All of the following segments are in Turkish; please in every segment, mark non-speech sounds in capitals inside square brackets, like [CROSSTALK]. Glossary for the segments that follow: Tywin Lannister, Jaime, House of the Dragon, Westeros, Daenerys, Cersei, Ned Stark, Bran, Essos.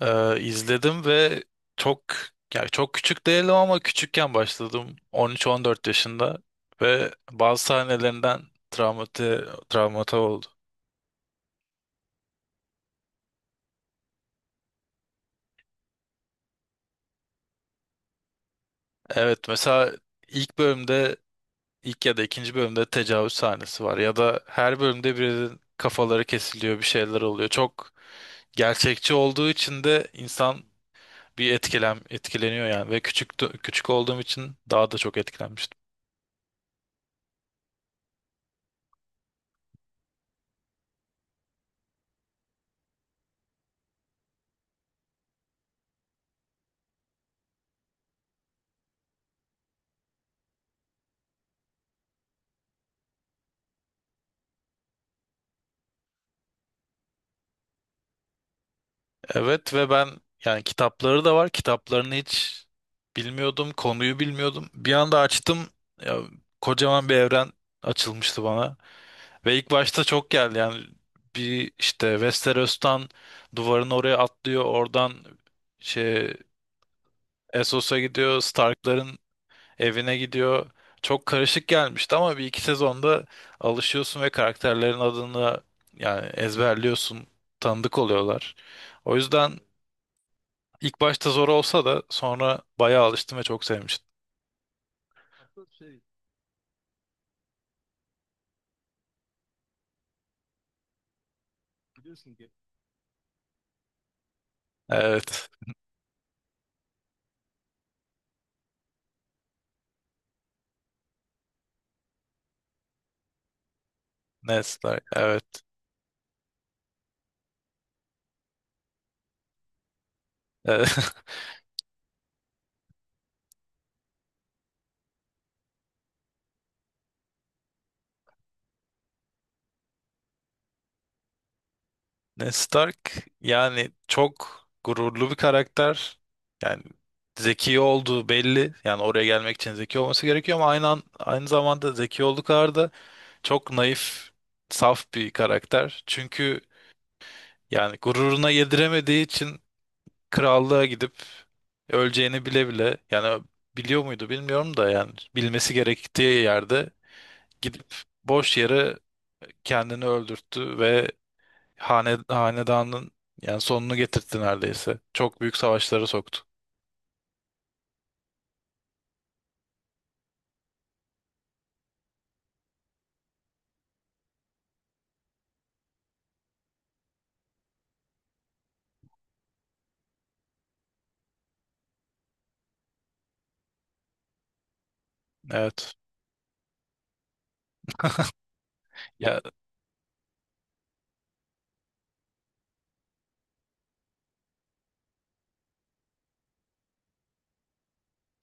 İzledim ve çok çok küçük değilim ama küçükken başladım 13-14 yaşında ve bazı sahnelerinden travmati, travmata oldu. Evet, mesela ilk bölümde ilk ya da ikinci bölümde tecavüz sahnesi var ya da her bölümde birinin kafaları kesiliyor, bir şeyler oluyor. Çok gerçekçi olduğu için de insan bir etkileniyor yani. Ve küçük olduğum için daha da çok etkilenmiştim. Evet, ve ben yani kitapları da var. Kitaplarını hiç bilmiyordum. Konuyu bilmiyordum. Bir anda açtım. Ya, kocaman bir evren açılmıştı bana. Ve ilk başta çok geldi yani. Bir işte Westeros'tan duvarın oraya atlıyor. Oradan şey Essos'a gidiyor. Stark'ların evine gidiyor. Çok karışık gelmişti ama bir iki sezonda alışıyorsun ve karakterlerin adını yani ezberliyorsun. Tanıdık oluyorlar. O yüzden İlk başta zor olsa da sonra bayağı alıştım ve çok sevmiştim. Biliyorsun ki. Evet. Ned Stark. Evet. Ee, [LAUGHS] Ned Stark yani çok gururlu bir karakter. Yani zeki olduğu belli. Yani oraya gelmek için zeki olması gerekiyor ama aynı zamanda zeki olduğu kadar da çok naif, saf bir karakter. Çünkü yani gururuna yediremediği için krallığa gidip öleceğini bile bile, yani biliyor muydu bilmiyorum da, yani bilmesi gerektiği yerde gidip boş yere kendini öldürttü ve hanedanın yani sonunu getirtti neredeyse. Çok büyük savaşlara soktu. Evet. Ya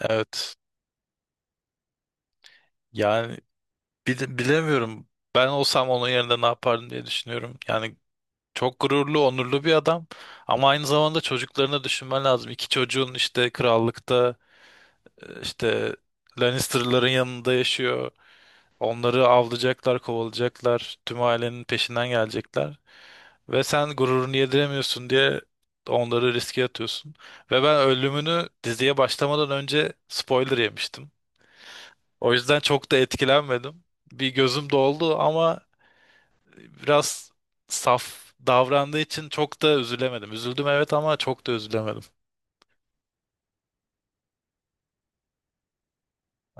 evet. Yani bilemiyorum. Ben olsam onun yerinde ne yapardım diye düşünüyorum. Yani çok gururlu, onurlu bir adam ama aynı zamanda çocuklarını düşünmen lazım. İki çocuğun işte krallıkta, İşte Lannister'ların yanında yaşıyor. Onları avlayacaklar, kovalayacaklar. Tüm ailenin peşinden gelecekler. Ve sen gururunu yediremiyorsun diye onları riske atıyorsun. Ve ben ölümünü diziye başlamadan önce spoiler yemiştim. O yüzden çok da etkilenmedim. Bir gözüm doldu ama biraz saf davrandığı için çok da üzülemedim. Üzüldüm evet, ama çok da üzülemedim.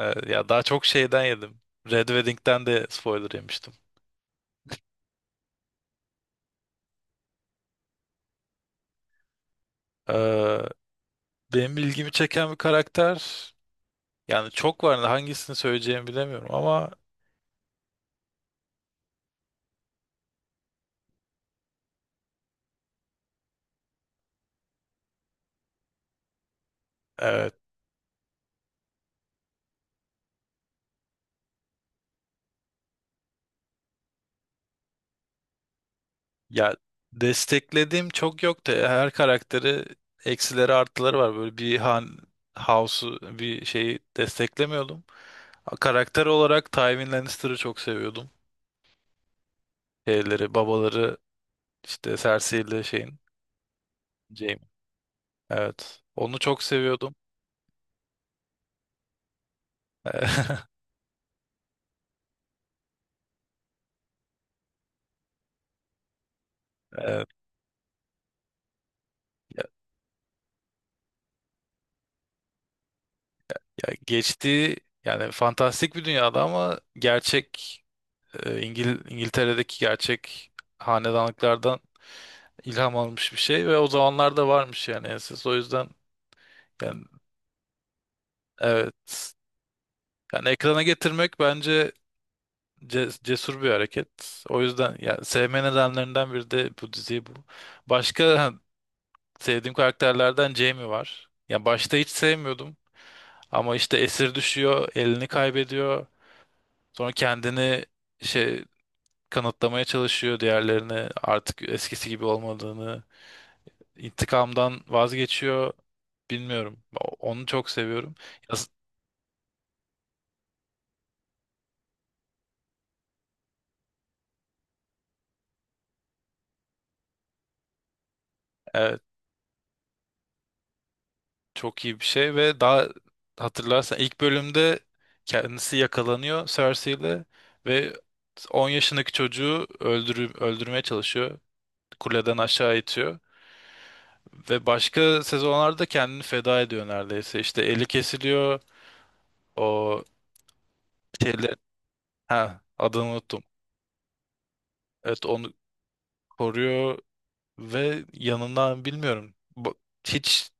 Ee, ya daha çok şeyden yedim. Red Wedding'den de spoiler yemiştim. Ee, Benim ilgimi çeken bir karakter yani çok var da hangisini söyleyeceğimi bilemiyorum ama evet. Ya, desteklediğim çok yok da her karakteri, eksileri artıları var, böyle bir house'u bir şeyi desteklemiyordum. Karakter olarak Tywin Lannister'ı çok seviyordum. Şeyleri, babaları, işte Cersei ile şeyin, Jaime. Evet. Onu çok seviyordum. [LAUGHS] Evet. Ya, ya geçtiği yani fantastik bir dünyada ama gerçek, İngiltere'deki gerçek hanedanlıklardan ilham almış bir şey ve o zamanlarda varmış yani enses. O yüzden yani evet. Yani ekrana getirmek bence cesur bir hareket. O yüzden yani sevme nedenlerinden biri de bu diziyi bu. Başka ha, sevdiğim karakterlerden Jamie var. Ya başta hiç sevmiyordum ama işte esir düşüyor, elini kaybediyor. Sonra kendini şey kanıtlamaya çalışıyor diğerlerine, artık eskisi gibi olmadığını. İntikamdan vazgeçiyor, bilmiyorum. Onu çok seviyorum. Yaz- evet, çok iyi bir şey. Ve daha, hatırlarsan ilk bölümde kendisi yakalanıyor Cersei ile ve 10 yaşındaki çocuğu öldürmeye çalışıyor. Kuleden aşağı itiyor. Ve başka sezonlarda kendini feda ediyor neredeyse. İşte eli kesiliyor. O şeyler, ha adını unuttum. Evet, onu koruyor. Ve yanından bilmiyorum. Hiç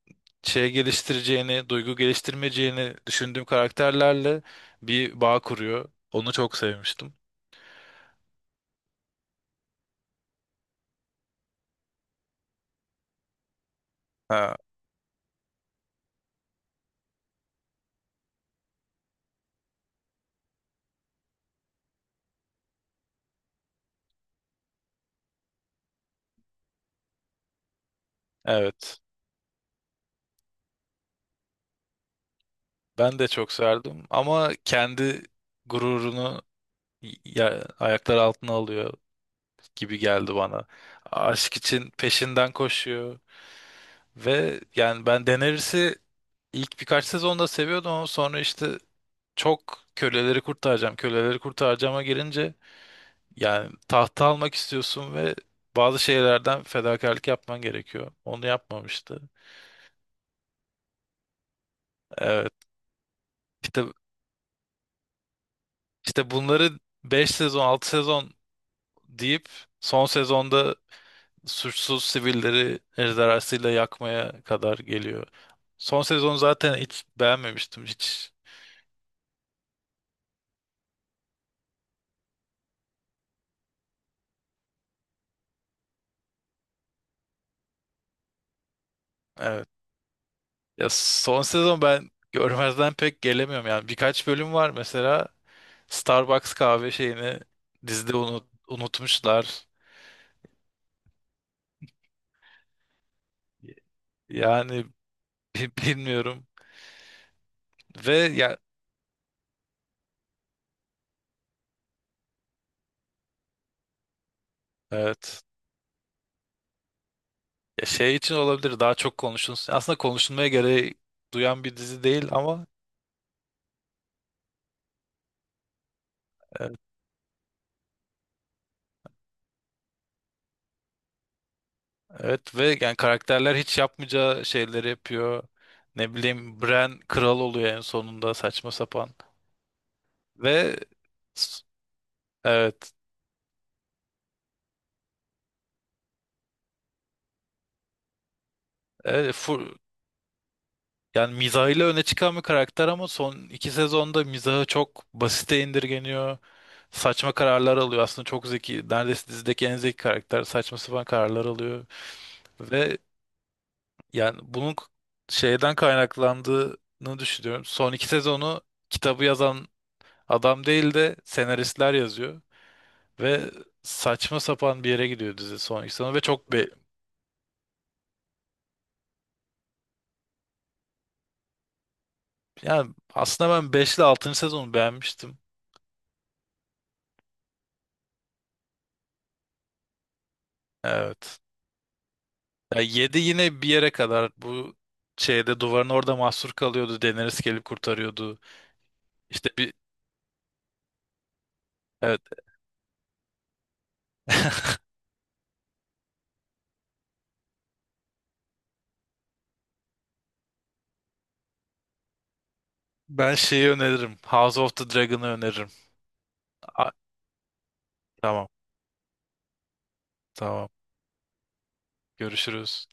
şey geliştireceğini, duygu geliştirmeyeceğini düşündüğüm karakterlerle bir bağ kuruyor. Onu çok sevmiştim. Ha. Evet. Ben de çok serdim ama kendi gururunu, ya, ayaklar altına alıyor gibi geldi bana. Aşk için peşinden koşuyor. Ve yani ben Daenerys'i ilk birkaç sezonda seviyordum ama sonra işte köleleri kurtaracağıma gelince, yani tahta almak istiyorsun ve bazı şeylerden fedakarlık yapman gerekiyor. Onu yapmamıştı. Evet. İşte, işte bunları 5 sezon, 6 sezon deyip son sezonda suçsuz sivilleri ejderhasıyla yakmaya kadar geliyor. Son sezonu zaten hiç beğenmemiştim, hiç. Evet. Ya son sezon ben görmezden pek gelemiyorum yani. Birkaç bölüm var, mesela Starbucks kahve şeyini dizide unutmuşlar. Yani [LAUGHS] bilmiyorum. Ve ya evet. Ya şey için olabilir daha çok konuşulsun. Aslında konuşulmaya gereği duyan bir dizi değil ama evet. Evet ve yani karakterler hiç yapmayacağı şeyleri yapıyor. Ne bileyim, Bran kral oluyor en sonunda, saçma sapan. Ve s- evet. evet full, yani mizahıyla öne çıkan bir karakter ama son iki sezonda mizahı çok basite indirgeniyor. Saçma kararlar alıyor. Aslında çok zeki. Neredeyse dizideki en zeki karakter saçma sapan kararlar alıyor. Ve yani bunun şeyden kaynaklandığını düşünüyorum. Son iki sezonu kitabı yazan adam değil de senaristler yazıyor. Ve saçma sapan bir yere gidiyor dizi son iki sezonu. Ve çok be yani aslında ben 5 ile 6'ncı sezonu beğenmiştim. Evet. Ya 7 yine bir yere kadar, bu şeyde duvarın orada mahsur kalıyordu. Daenerys gelip kurtarıyordu. İşte bir evet, ben şeyi öneririm. House of the Dragon'ı öneririm. A- tamam, tamam, görüşürüz.